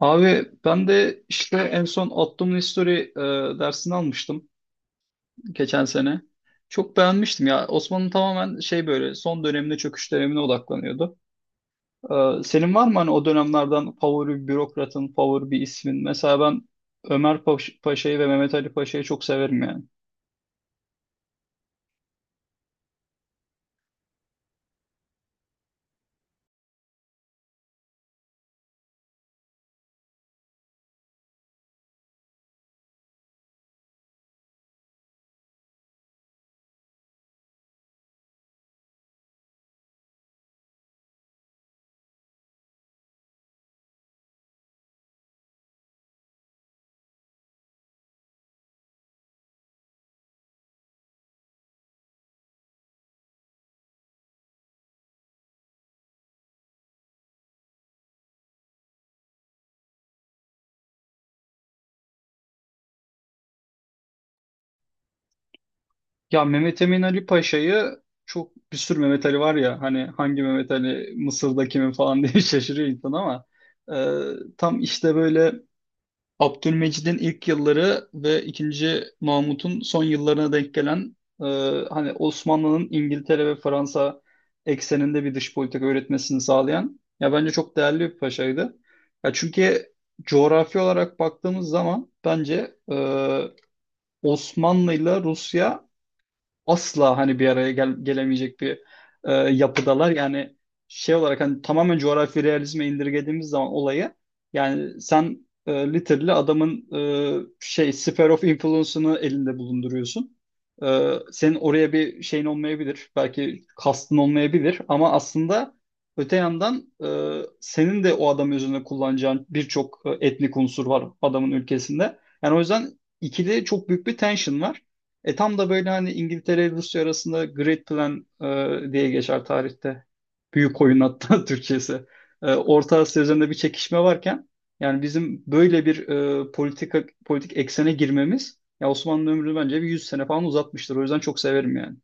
Abi ben de işte en son Ottoman History dersini almıştım geçen sene. Çok beğenmiştim ya. Osmanlı tamamen şey böyle son dönemine çöküş dönemine odaklanıyordu. Senin var mı hani o dönemlerden favori bir bürokratın, favori bir ismin? Mesela ben Ömer Paşa'yı ve Mehmet Ali Paşa'yı çok severim yani. Ya Mehmet Emin Ali Paşa'yı çok, bir sürü Mehmet Ali var ya, hani hangi Mehmet Ali, Mısır'da kimin falan diye şaşırıyor insan ama tam işte böyle Abdülmecid'in ilk yılları ve ikinci Mahmut'un son yıllarına denk gelen, hani Osmanlı'nın İngiltere ve Fransa ekseninde bir dış politika üretmesini sağlayan, ya bence çok değerli bir paşaydı. Ya çünkü coğrafi olarak baktığımız zaman bence Osmanlı ile Rusya asla hani bir araya gelemeyecek bir yapıdalar. Yani şey olarak hani tamamen coğrafi realizme indirgediğimiz zaman olayı, yani sen literally adamın şey, sphere of influence'ını elinde bulunduruyorsun. Senin oraya bir şeyin olmayabilir. Belki kastın olmayabilir ama aslında öte yandan senin de o adam üzerine kullanacağın birçok etnik unsur var adamın ülkesinde. Yani o yüzden ikili çok büyük bir tension var. Tam da böyle hani İngiltere ile Rusya arasında Great Plan diye geçer tarihte. Büyük oyun hatta Türkçesi. Orta Asya üzerinde bir çekişme varken yani bizim böyle bir politik eksene girmemiz ya, Osmanlı ömrünü bence bir 100 sene falan uzatmıştır. O yüzden çok severim yani.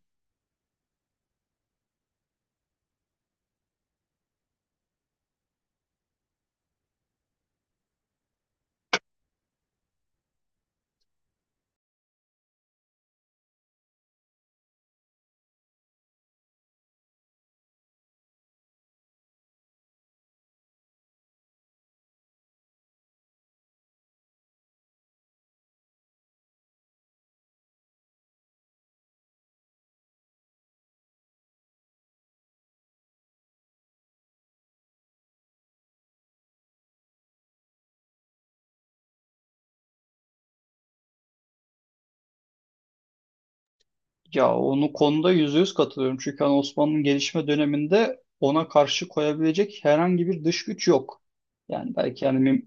Ya onu konuda %100 katılıyorum. Çünkü hani Osmanlı'nın gelişme döneminde ona karşı koyabilecek herhangi bir dış güç yok. Yani belki yani.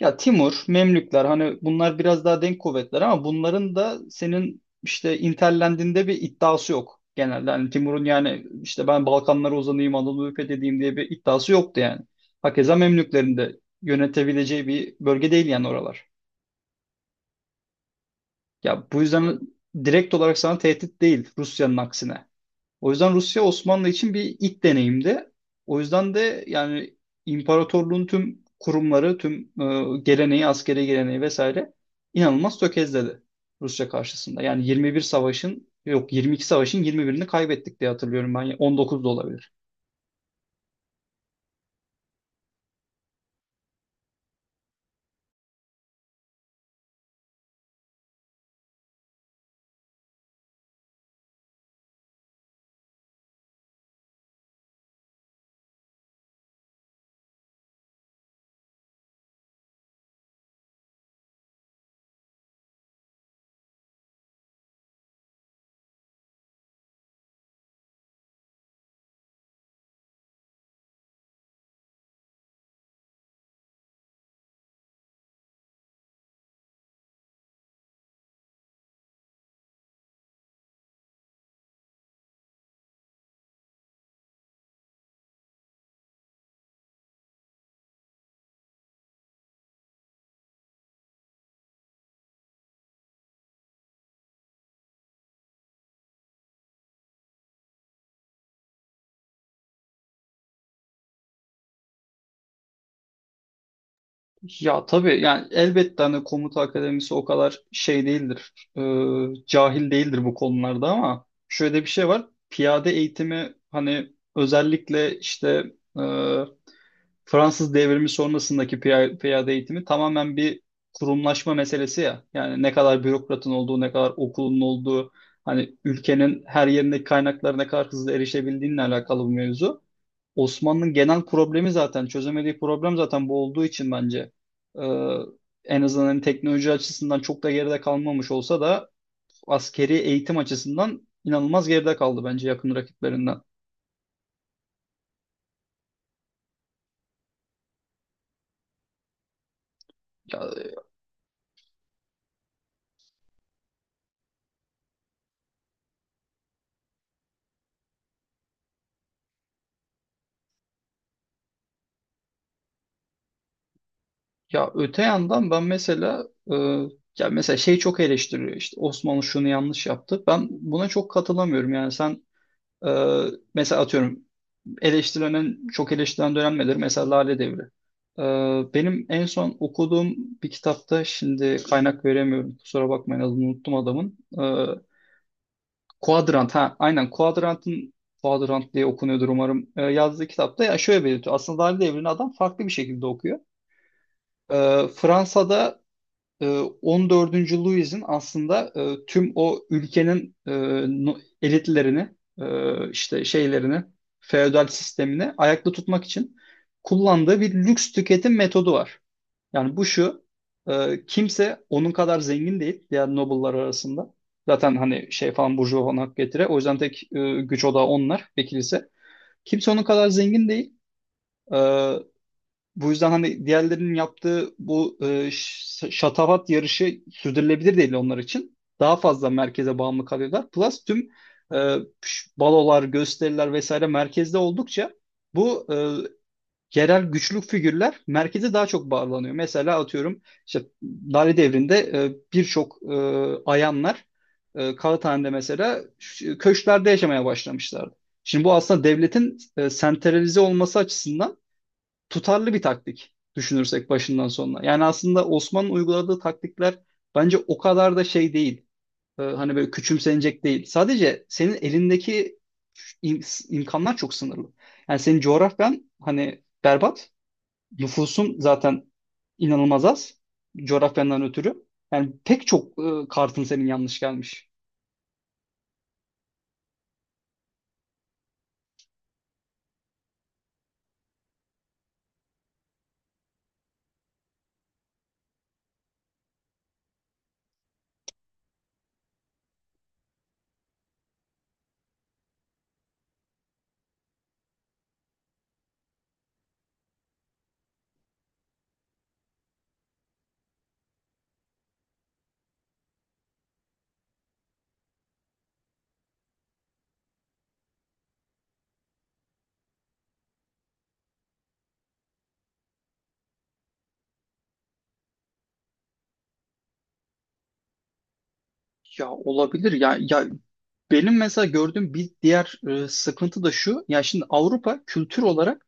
Ya Timur, Memlükler, hani bunlar biraz daha denk kuvvetler ama bunların da senin işte interlendiğinde bir iddiası yok genelde. Hani Timur'un yani işte ben Balkanlara uzanayım, Anadolu'yu fethedeyim diye bir iddiası yoktu yani. Hakeza Memlüklerin de yönetebileceği bir bölge değil yani oralar. Ya bu yüzden direkt olarak sana tehdit değil, Rusya'nın aksine. O yüzden Rusya Osmanlı için bir ilk deneyimdi. O yüzden de yani imparatorluğun tüm kurumları, tüm geleneği, askeri geleneği vesaire inanılmaz tökezledi Rusya karşısında. Yani 21 savaşın, yok 22 savaşın 21'ini kaybettik diye hatırlıyorum ben. 19 da olabilir. Ya tabii yani, elbette hani komuta akademisi o kadar şey değildir, cahil değildir bu konularda, ama şöyle bir şey var. Piyade eğitimi hani özellikle işte e, Fransız devrimi sonrasındaki piyade eğitimi tamamen bir kurumlaşma meselesi ya. Yani ne kadar bürokratın olduğu, ne kadar okulun olduğu, hani ülkenin her yerindeki kaynaklara ne kadar hızlı erişebildiğinle alakalı bir mevzu. Osmanlı'nın genel problemi zaten, çözemediği problem zaten bu olduğu için bence e, en azından hani teknoloji açısından çok da geride kalmamış olsa da askeri eğitim açısından inanılmaz geride kaldı bence yakın rakiplerinden. Ya. Ya öte yandan ben mesela ya mesela şey, çok eleştiriyor işte, Osmanlı şunu yanlış yaptı. Ben buna çok katılamıyorum yani. Sen e, mesela atıyorum, çok eleştirilen dönem nedir? Mesela Lale Devri. Benim en son okuduğum bir kitapta, şimdi kaynak veremiyorum kusura bakmayın, adını unuttum adamın. Quadrant ha, aynen, Quadrant'ın, Quadrant diye okunuyordur umarım. Yazdığı kitapta ya şöyle belirtiyor. Aslında Lale Devri'ni adam farklı bir şekilde okuyor. Fransa'da e, 14. Louis'in aslında tüm o ülkenin elitlerini, işte şeylerini, feodal sistemini ayakta tutmak için kullandığı bir lüks tüketim metodu var. Yani bu şu, kimse onun kadar zengin değil diğer noble'lar arasında. Zaten hani şey falan, burjuva falan hak getire. O yüzden tek güç odağı onlar ve kilise. Kimse onun kadar zengin değil. E, bu yüzden hani diğerlerinin yaptığı bu şatafat yarışı sürdürülebilir değil onlar için. Daha fazla merkeze bağımlı kalıyorlar. Plus tüm e, balolar, gösteriler vesaire merkezde oldukça bu yerel güçlük figürler merkeze daha çok bağlanıyor. Mesela atıyorum işte Lale Devri'nde birçok ayanlar Kağıthane'de mesela köşklerde yaşamaya başlamışlardı. Şimdi bu aslında devletin sentralize olması açısından tutarlı bir taktik, düşünürsek başından sonuna. Yani aslında Osman'ın uyguladığı taktikler bence o kadar da şey değil. Hani böyle küçümsenecek değil. Sadece senin elindeki imkanlar çok sınırlı. Yani senin coğrafyan hani berbat. Nüfusun zaten inanılmaz az, coğrafyandan ötürü. Yani pek çok kartın senin yanlış gelmiş. Ya olabilir ya benim mesela gördüğüm bir diğer sıkıntı da şu. Ya şimdi Avrupa kültür olarak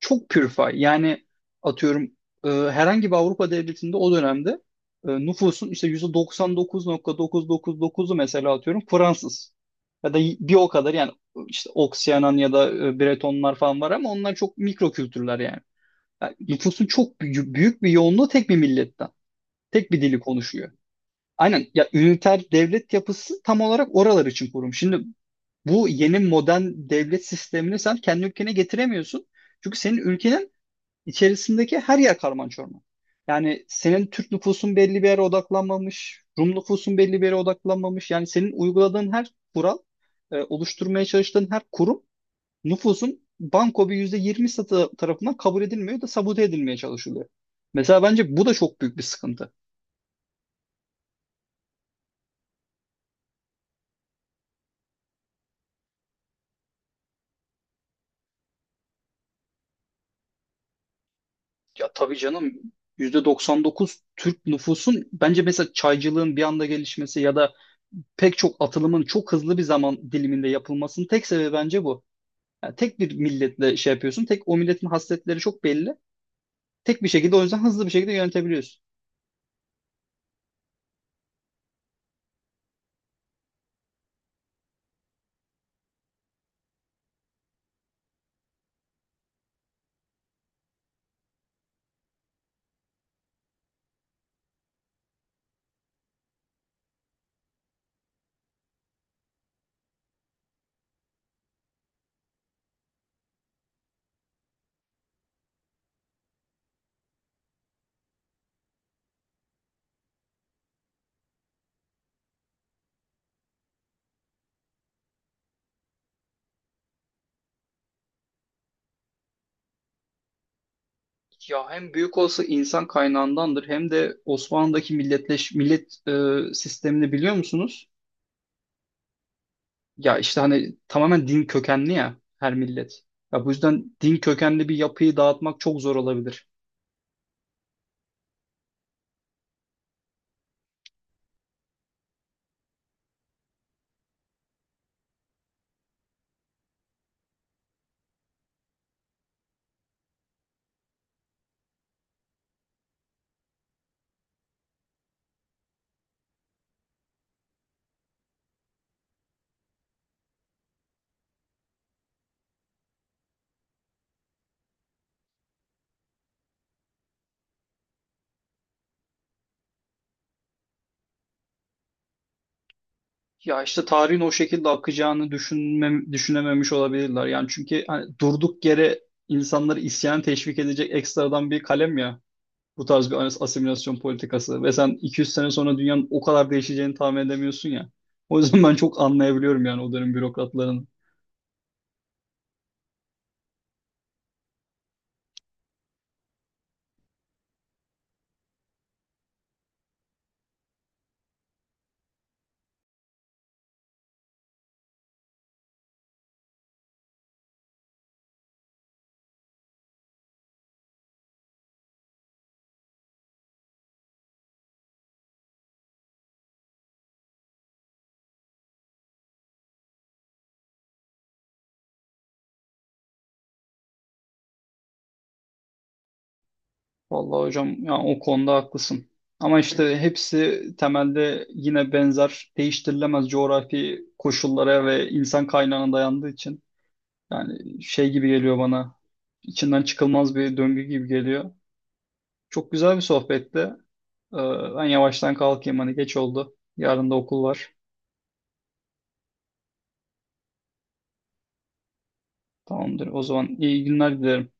çok pürfay. Yani atıyorum, herhangi bir Avrupa devletinde o dönemde nüfusun işte %99.999'u mesela atıyorum Fransız. Ya da bir o kadar yani, işte Oksiyanan ya da Bretonlar falan var ama onlar çok mikro kültürler yani. Yani nüfusun çok, büyük, büyük bir yoğunluğu tek bir milletten. Tek bir dili konuşuyor. Aynen ya, üniter devlet yapısı tam olarak oralar için kurulmuş. Şimdi bu yeni modern devlet sistemini sen kendi ülkene getiremiyorsun. Çünkü senin ülkenin İçerisindeki her yer karman çorman. Yani senin Türk nüfusun belli bir yere odaklanmamış, Rum nüfusun belli bir yere odaklanmamış. Yani senin uyguladığın her kural, oluşturmaya çalıştığın her kurum nüfusun banko bir %20 satı tarafından kabul edilmiyor, da sabote edilmeye çalışılıyor. Mesela bence bu da çok büyük bir sıkıntı. Ya tabii canım, %99 Türk nüfusun bence, mesela çaycılığın bir anda gelişmesi ya da pek çok atılımın çok hızlı bir zaman diliminde yapılmasının tek sebebi bence bu. Yani tek bir milletle şey yapıyorsun. Tek o milletin hasletleri çok belli. Tek bir şekilde, o yüzden hızlı bir şekilde yönetebiliyorsun. Ya hem büyük olası insan kaynağındandır, hem de Osmanlı'daki millet sistemini biliyor musunuz? Ya işte hani tamamen din kökenli ya her millet. Ya bu yüzden din kökenli bir yapıyı dağıtmak çok zor olabilir. Ya işte tarihin o şekilde akacağını düşünememiş olabilirler. Yani çünkü hani durduk yere insanları isyan teşvik edecek ekstradan bir kalem ya, bu tarz bir asimilasyon politikası. Ve sen 200 sene sonra dünyanın o kadar değişeceğini tahmin edemiyorsun ya. O yüzden ben çok anlayabiliyorum yani o dönem bürokratların. Vallahi hocam yani o konuda haklısın. Ama işte hepsi temelde yine benzer, değiştirilemez coğrafi koşullara ve insan kaynağına dayandığı için, yani şey gibi geliyor bana, içinden çıkılmaz bir döngü gibi geliyor. Çok güzel bir sohbetti. Ee, ben yavaştan kalkayım, hani geç oldu, yarın da okul var. Tamamdır, o zaman iyi günler dilerim.